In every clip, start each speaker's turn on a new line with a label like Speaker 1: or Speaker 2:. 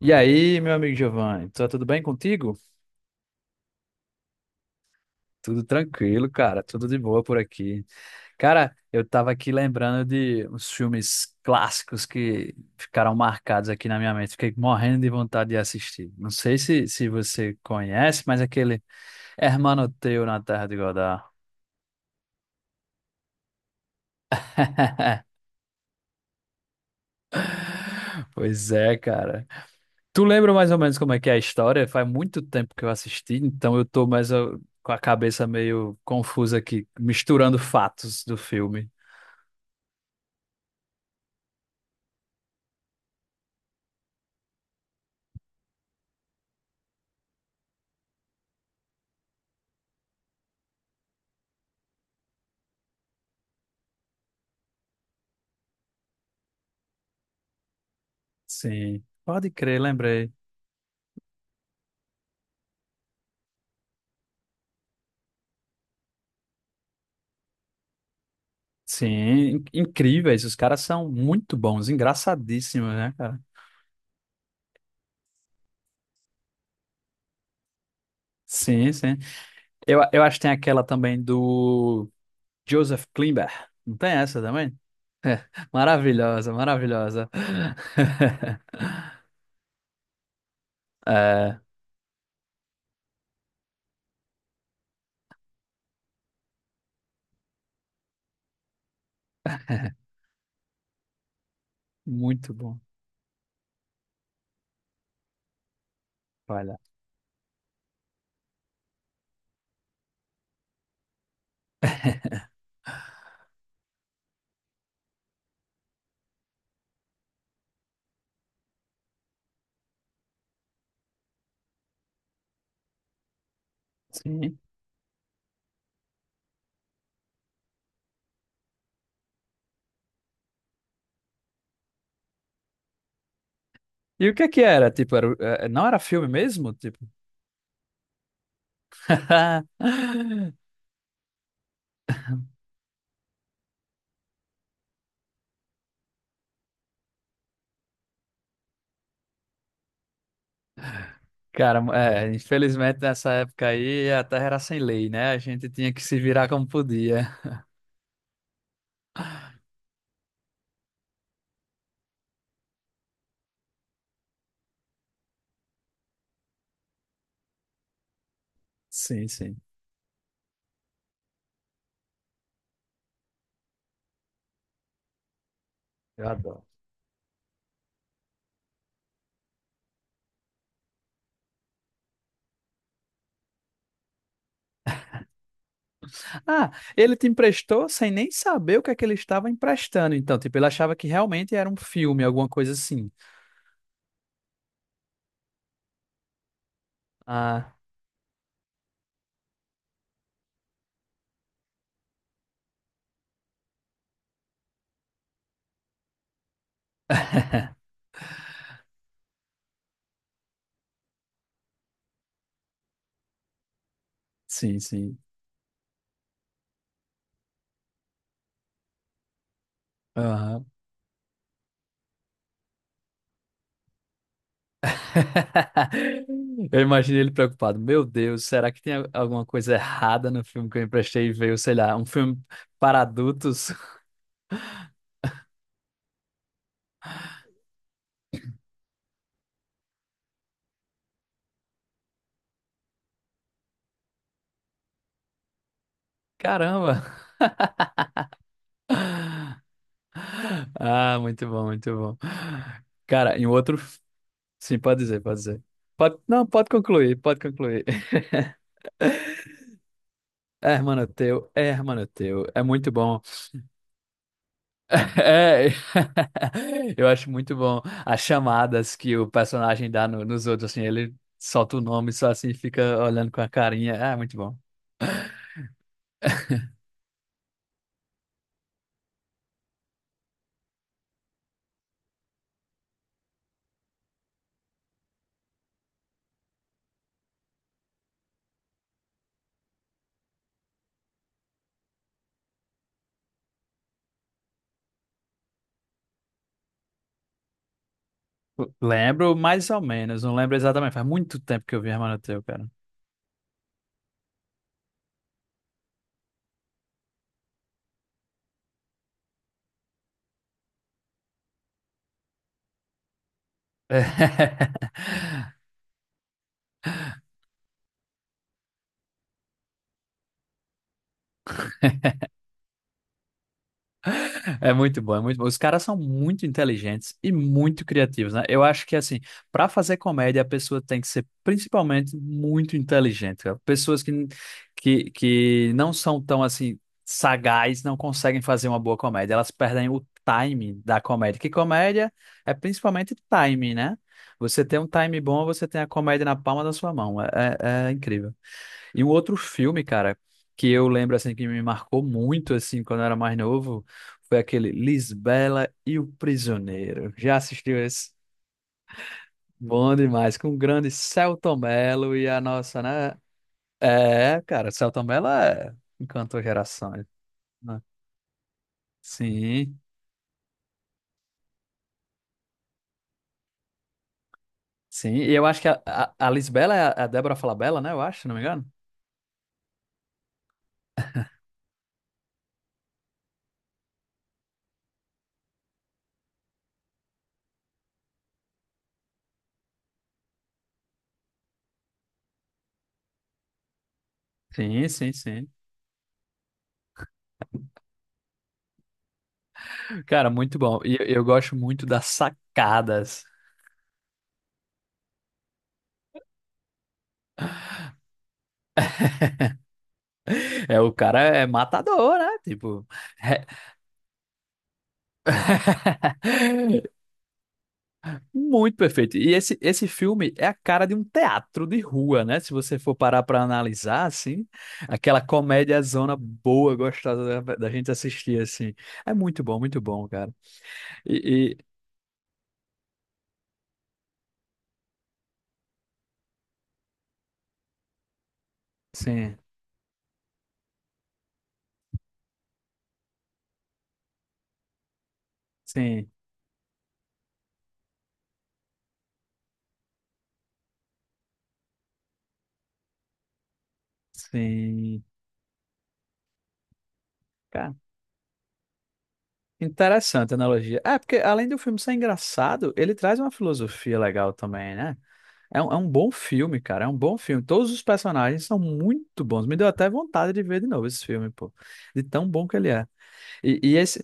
Speaker 1: E aí, meu amigo Giovanni, tá tudo bem contigo? Tudo tranquilo, cara, tudo de boa por aqui. Cara, eu tava aqui lembrando de uns filmes clássicos que ficaram marcados aqui na minha mente, fiquei morrendo de vontade de assistir. Não sei se você conhece, mas aquele Hermano Teu na Terra de Godá. Pois é, cara. Tu lembra mais ou menos como é que é a história? Faz muito tempo que eu assisti, então eu tô mais ó, com a cabeça meio confusa aqui, misturando fatos do filme. Sim, pode crer, lembrei. Sim, incríveis. Os caras são muito bons, engraçadíssimos, né, cara? Sim, sim. Eu acho que tem aquela também do Joseph Klimber. Não tem essa também? Maravilhosa, maravilhosa. É, muito bom. Olha. Sim. E o que é que era? Tipo, era, não era filme mesmo? Tipo. Cara, é, infelizmente nessa época aí a terra era sem lei, né? A gente tinha que se virar como podia. Sim, sim. Eu adoro. Ah, ele te emprestou sem nem saber o que é que ele estava emprestando. Então, tipo, ele achava que realmente era um filme, alguma coisa assim. Ah, sim, sim. Eu imaginei ele preocupado. Meu Deus, será que tem alguma coisa errada no filme que eu emprestei e veio, sei lá, um filme para adultos? Caramba! Ah, muito bom, muito bom. Cara, em outro. Sim, pode dizer, pode dizer. Pode... Não, pode concluir, pode concluir. É, hermano teu, é, hermano teu. É muito bom. É. Eu acho muito bom as chamadas que o personagem dá nos outros, assim, ele solta o nome só assim, fica olhando com a carinha. Ah, muito bom. Lembro mais ou menos, não lembro exatamente. Faz muito tempo que eu vi Hermano Teu, cara. É, muito bom, é muito bom. Os caras são muito inteligentes e muito criativos, né? Eu acho que, assim, para fazer comédia, a pessoa tem que ser principalmente muito inteligente. Cara. Pessoas que não são tão, assim, sagaz, não conseguem fazer uma boa comédia. Elas perdem o time da comédia. Que comédia é principalmente time, né? Você tem um time bom, você tem a comédia na palma da sua mão. É, é incrível. E um outro filme, cara, que eu lembro assim que me marcou muito assim quando eu era mais novo, foi aquele Lisbela e o Prisioneiro. Já assistiu esse? Bom demais, com o grande Selton Mello e a nossa, né? É, cara, Selton Mello é... encantou gerações, né? Sim, sim. E eu acho que a Lisbela é é a Débora Falabella, né? Eu acho, se não me engano. Sim, sim, sim. Cara, muito bom. E eu gosto muito das sacadas. É, o cara é matador, né? Tipo, re- Muito perfeito. E esse filme é a cara de um teatro de rua, né? Se você for parar para analisar, assim, aquela comédia zona boa, gostosa da gente assistir, assim. É muito bom, cara. E, e- sim, sim, sim. Cara, interessante a analogia. É, porque além do filme ser engraçado, ele traz uma filosofia legal também, né? É um bom filme, cara. É um bom filme. Todos os personagens são muito bons. Me deu até vontade de ver de novo esse filme, pô. De tão bom que ele é. Esse,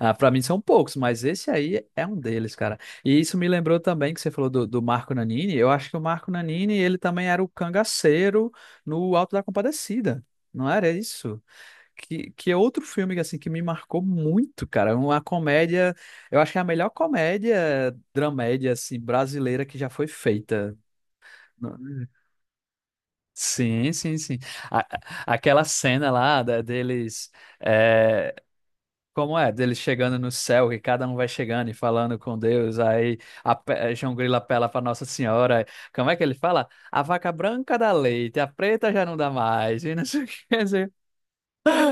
Speaker 1: ah, pra mim são poucos, mas esse aí é um deles, cara. E isso me lembrou também que você falou do Marco Nanini. Eu acho que o Marco Nanini, ele também era o cangaceiro no Alto da Compadecida. Não era isso? Que é outro filme assim que me marcou muito, cara. É uma comédia, eu acho que é a melhor comédia dramédia assim brasileira que já foi feita. Sim, sim, sim. Aquela cena lá deles, é, como é? Deles chegando no céu, que cada um vai chegando e falando com Deus. Aí João Grilo apela para Nossa Senhora. Como é que ele fala? A vaca branca dá leite, a preta já não dá mais. E não sei o que. Quer dizer.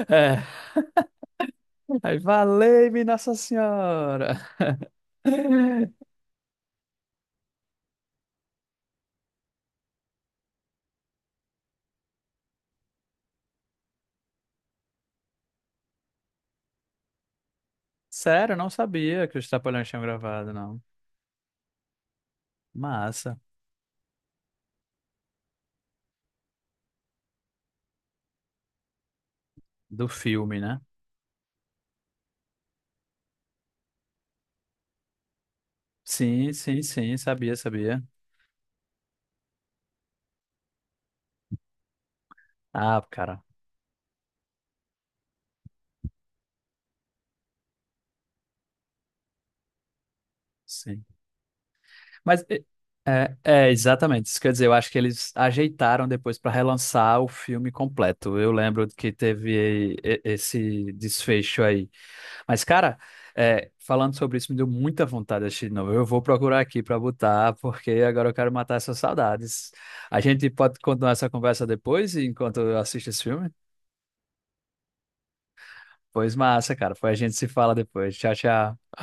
Speaker 1: É, aí valei-me Nossa Senhora. Sério, eu não sabia que os Trapalhões tinham gravado, não. Massa. Do filme, né? Sim, sim, sim, sabia, sabia. Ah, cara. Sim. Mas é exatamente isso. Quer dizer, eu acho que eles ajeitaram depois para relançar o filme completo. Eu lembro que teve esse desfecho aí. Mas, cara, é, falando sobre isso, me deu muita vontade de assistir de novo. Eu vou procurar aqui para botar, porque agora eu quero matar essas saudades. A gente pode continuar essa conversa depois, enquanto eu assisto esse filme? Pois massa, cara. Foi a gente se fala depois. Tchau, tchau.